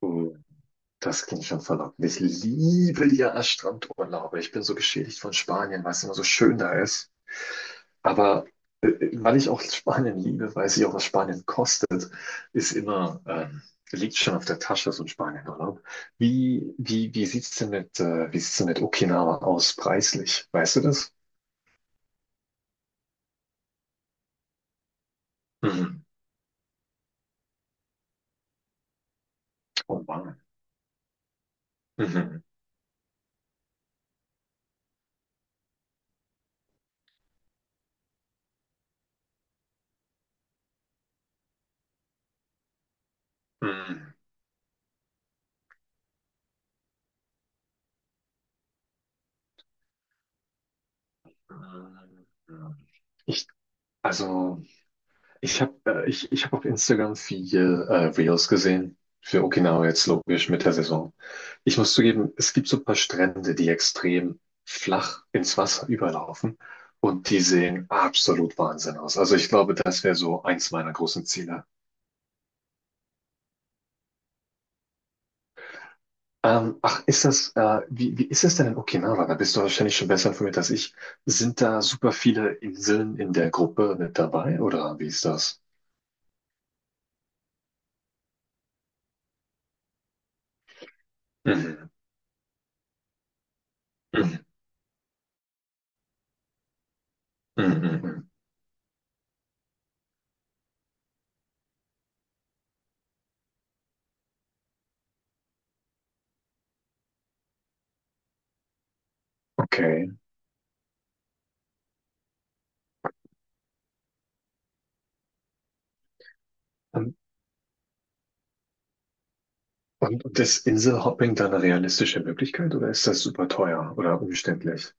Oh, das klingt schon verlockend. Ich liebe ja das Strandurlaube. Ich bin so geschädigt von Spanien, weil es immer so schön da ist. Aber weil ich auch Spanien liebe, weiß ich auch, was Spanien kostet, ist immer, liegt schon auf der Tasche, so ein Spanienurlaub. Wie sieht's denn mit Okinawa aus, preislich? Weißt du das? Mhm. Und wann? Mhm. Mhm. Mhm. Mhm. Ich, also. Ich hab auf Instagram viel Reels gesehen. Für Okinawa jetzt logisch mit der Saison. Ich muss zugeben, es gibt so ein paar Strände, die extrem flach ins Wasser überlaufen und die sehen absolut Wahnsinn aus. Also ich glaube, das wäre so eins meiner großen Ziele. Ach, wie ist das denn in Okinawa? Da bist du wahrscheinlich schon besser informiert als ich. Sind da super viele Inseln in der Gruppe mit dabei oder wie ist das? Mhm. Mhm. Mhm. Mhm. Okay. Ähm, Und ist Inselhopping dann eine realistische Möglichkeit oder ist das super teuer oder umständlich?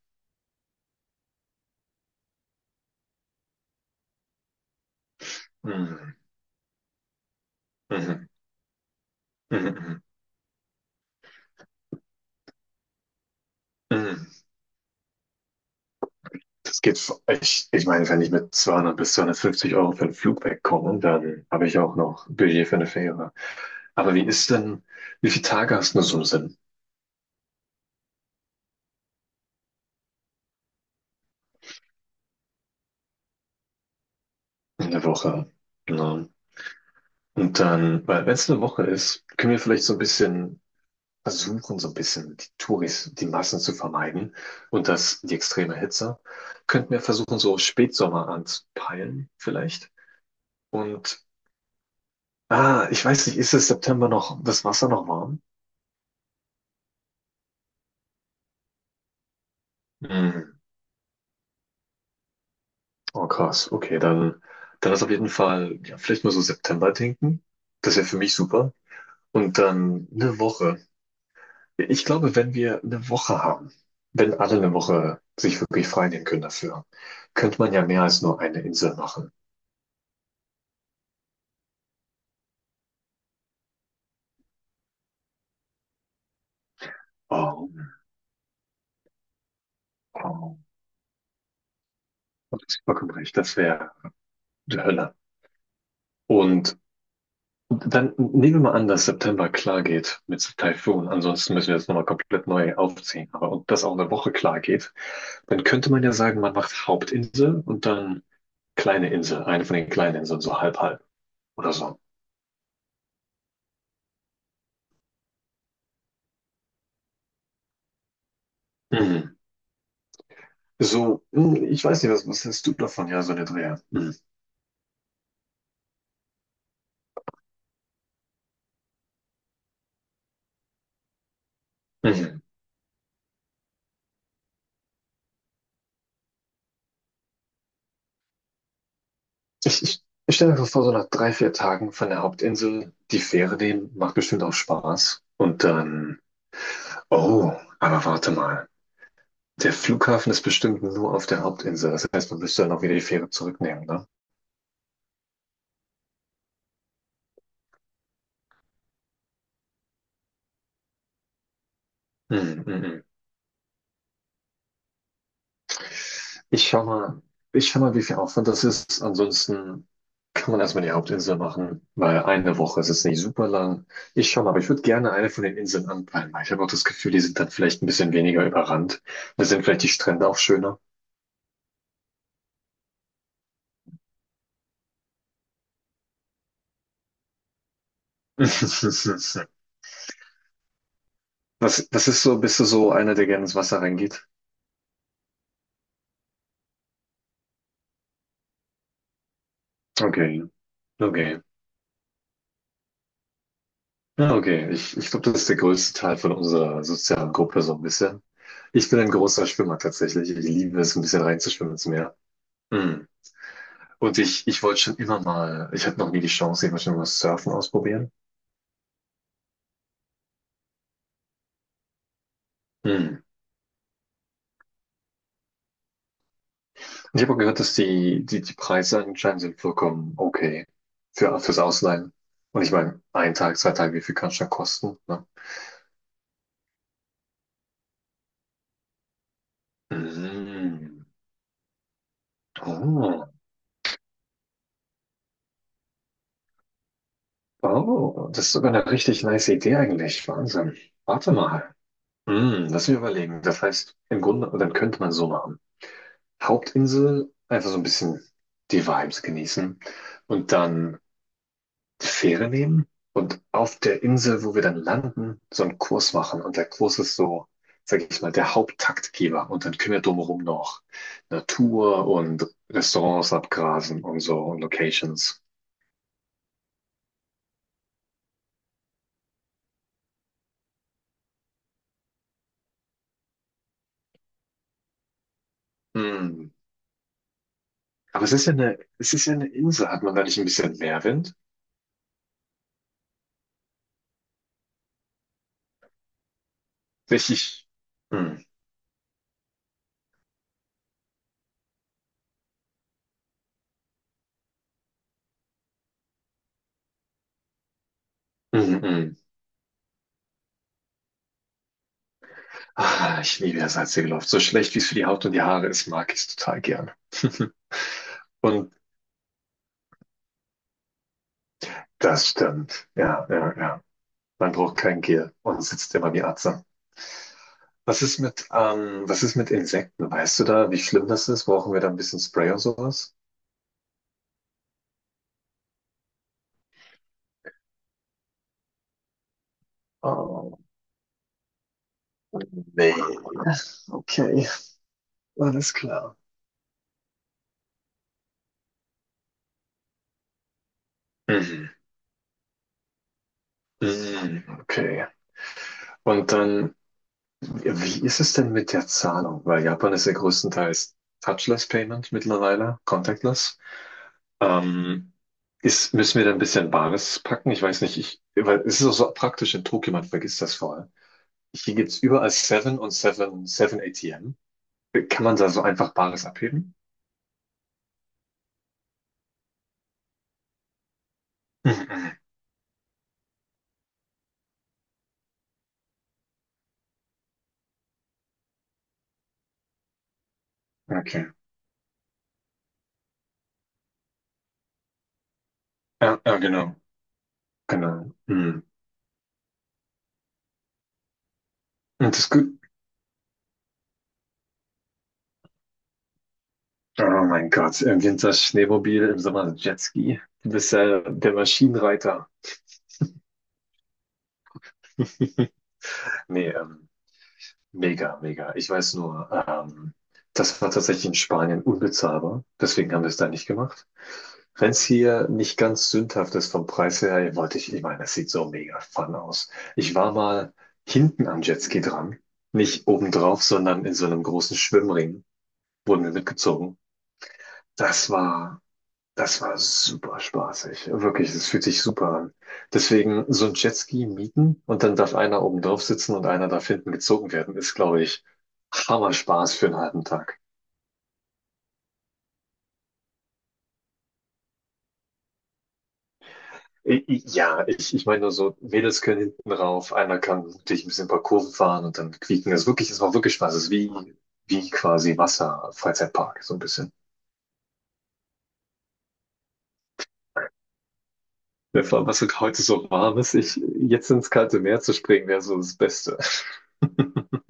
Mhm. Mhm. Mhm. Mhm. Das geht, ich meine, wenn ich mit 200 bis 250 € für einen Flug wegkomme, dann habe ich auch noch Budget für eine Fähre. Aber wie viele Tage hast du so im Sinn in der Woche? Ja. Und dann, weil wenn es eine Woche ist, können wir vielleicht so ein bisschen versuchen, so ein bisschen die Touris, die Massen zu vermeiden und die extreme Hitze. Könnten wir versuchen, so Spätsommer anzupeilen, vielleicht. Und, ich weiß nicht, ist es September noch, das Wasser noch warm? Hm. Oh, krass. Okay, dann ist auf jeden Fall, ja, vielleicht mal so September denken. Das wäre für mich super. Und dann eine Woche. Ich glaube, wenn wir eine Woche haben, wenn alle eine Woche sich wirklich frei nehmen können dafür, könnte man ja mehr als nur eine Insel machen. Oh. Oh, du hast vollkommen recht, das wäre die Hölle. Und dann nehmen wir mal an, dass September klar geht mit Taifun. Ansonsten müssen wir das nochmal komplett neu aufziehen. Aber und das auch eine Woche klar geht, dann könnte man ja sagen, man macht Hauptinsel und dann kleine Insel, eine von den kleinen Inseln, so halb halb oder so. Mhm. So, ich weiß nicht, was hältst du davon? Ja, so eine Dreher. Mhm. Mhm. Ich stelle mir einfach vor, so nach 3, 4 Tagen von der Hauptinsel die Fähre nehmen, macht bestimmt auch Spaß. Und dann Oh, aber warte mal. Der Flughafen ist bestimmt nur auf der Hauptinsel. Das heißt, man müsste dann auch wieder die Fähre zurücknehmen, ne? Hm, hm, hm. Ich schau mal, ich schau mal, wie viel Aufwand das ist. Ansonsten kann man erstmal die Hauptinsel machen, weil eine Woche ist jetzt nicht super lang. Ich schau mal, aber ich würde gerne eine von den Inseln anpeilen, weil ich habe auch das Gefühl, die sind dann vielleicht ein bisschen weniger überrannt. Da sind vielleicht die Strände auch schöner. Was ist so, bist du so einer, der gerne ins Wasser reingeht? Okay, okay. Ja, okay. Ich glaube, das ist der größte Teil von unserer sozialen Gruppe so ein bisschen. Ich bin ein großer Schwimmer tatsächlich. Ich liebe es, ein bisschen reinzuschwimmen ins Meer. Hm. Und ich wollte schon immer mal, ich hatte noch nie die Chance, ich wollte schon mal Surfen ausprobieren. Hm. Und ich habe auch gehört, dass die Preise anscheinend sind vollkommen okay fürs Ausleihen. Und ich meine, ein Tag, 2 Tage, wie viel kann es schon kosten? Ne? Hm. Oh, oh, das ist sogar eine richtig nice Idee eigentlich. Wahnsinn. Warte mal. Lass mich überlegen. Das heißt, im Grunde, dann könnte man so machen. Hauptinsel, einfach so ein bisschen die Vibes genießen und dann die Fähre nehmen und auf der Insel, wo wir dann landen, so einen Kurs machen. Und der Kurs ist so, sag ich mal, der Haupttaktgeber. Und dann können wir drumherum noch Natur und Restaurants abgrasen und so und Locations. Hm. Aber es ist ja eine Insel. Hat man da nicht ein bisschen Meerwind? Richtig. Hm. Mhm, mhm. Ah, ich liebe ja salzige Luft. So schlecht wie es für die Haut und die Haare ist, mag ich es total gern. Und das stimmt. Ja, ja, ja. Man braucht kein Gel und sitzt immer wie Atze. Was ist mit Insekten? Weißt du da, wie schlimm das ist? Brauchen wir da ein bisschen Spray oder sowas? Oh, nee. Okay, alles klar. Mhm. Mhm, okay. Und dann, wie ist es denn mit der Zahlung? Weil Japan ist ja größtenteils Touchless Payment mittlerweile, contactless. Ähm, müssen wir da ein bisschen Bares packen? Ich weiß nicht, weil es ist auch so praktisch in Tokio, man vergisst das vor allem. Hier gibt es überall Seven und 7, 7 ATM. Kann man da so einfach Bares abheben? Mhm, mhm. Okay. Ja, ja, genau. Genau. Mhm. Und das gut. Oh mein Gott, im Winter Schneemobil, im Sommer Jetski. Du bist ja der Maschinenreiter. Nee, Mega, mega. Ich weiß nur, das war tatsächlich in Spanien unbezahlbar. Deswegen haben wir es da nicht gemacht. Wenn es hier nicht ganz sündhaft ist vom Preis her, wollte ich, ich meine, das sieht so mega fun aus. Ich war mal hinten am Jetski dran. Nicht obendrauf, sondern in so einem großen Schwimmring wurden wir mitgezogen. Das war das war super spaßig. Wirklich, das fühlt sich super an. Deswegen so ein Jetski mieten und dann darf einer oben drauf sitzen und einer darf hinten gezogen werden, ist, glaube ich, Hammer Spaß für einen halben Tag. Ja, ich meine nur so, Mädels können hinten rauf, einer kann dich ein bisschen ein paar Kurven fahren und dann quieken. Das macht wirklich Spaß. Das ist wie quasi Wasser, Freizeitpark, so ein bisschen. Ja, vor allem, was heute so warm ist, jetzt ins kalte Meer zu springen, wäre so das Beste.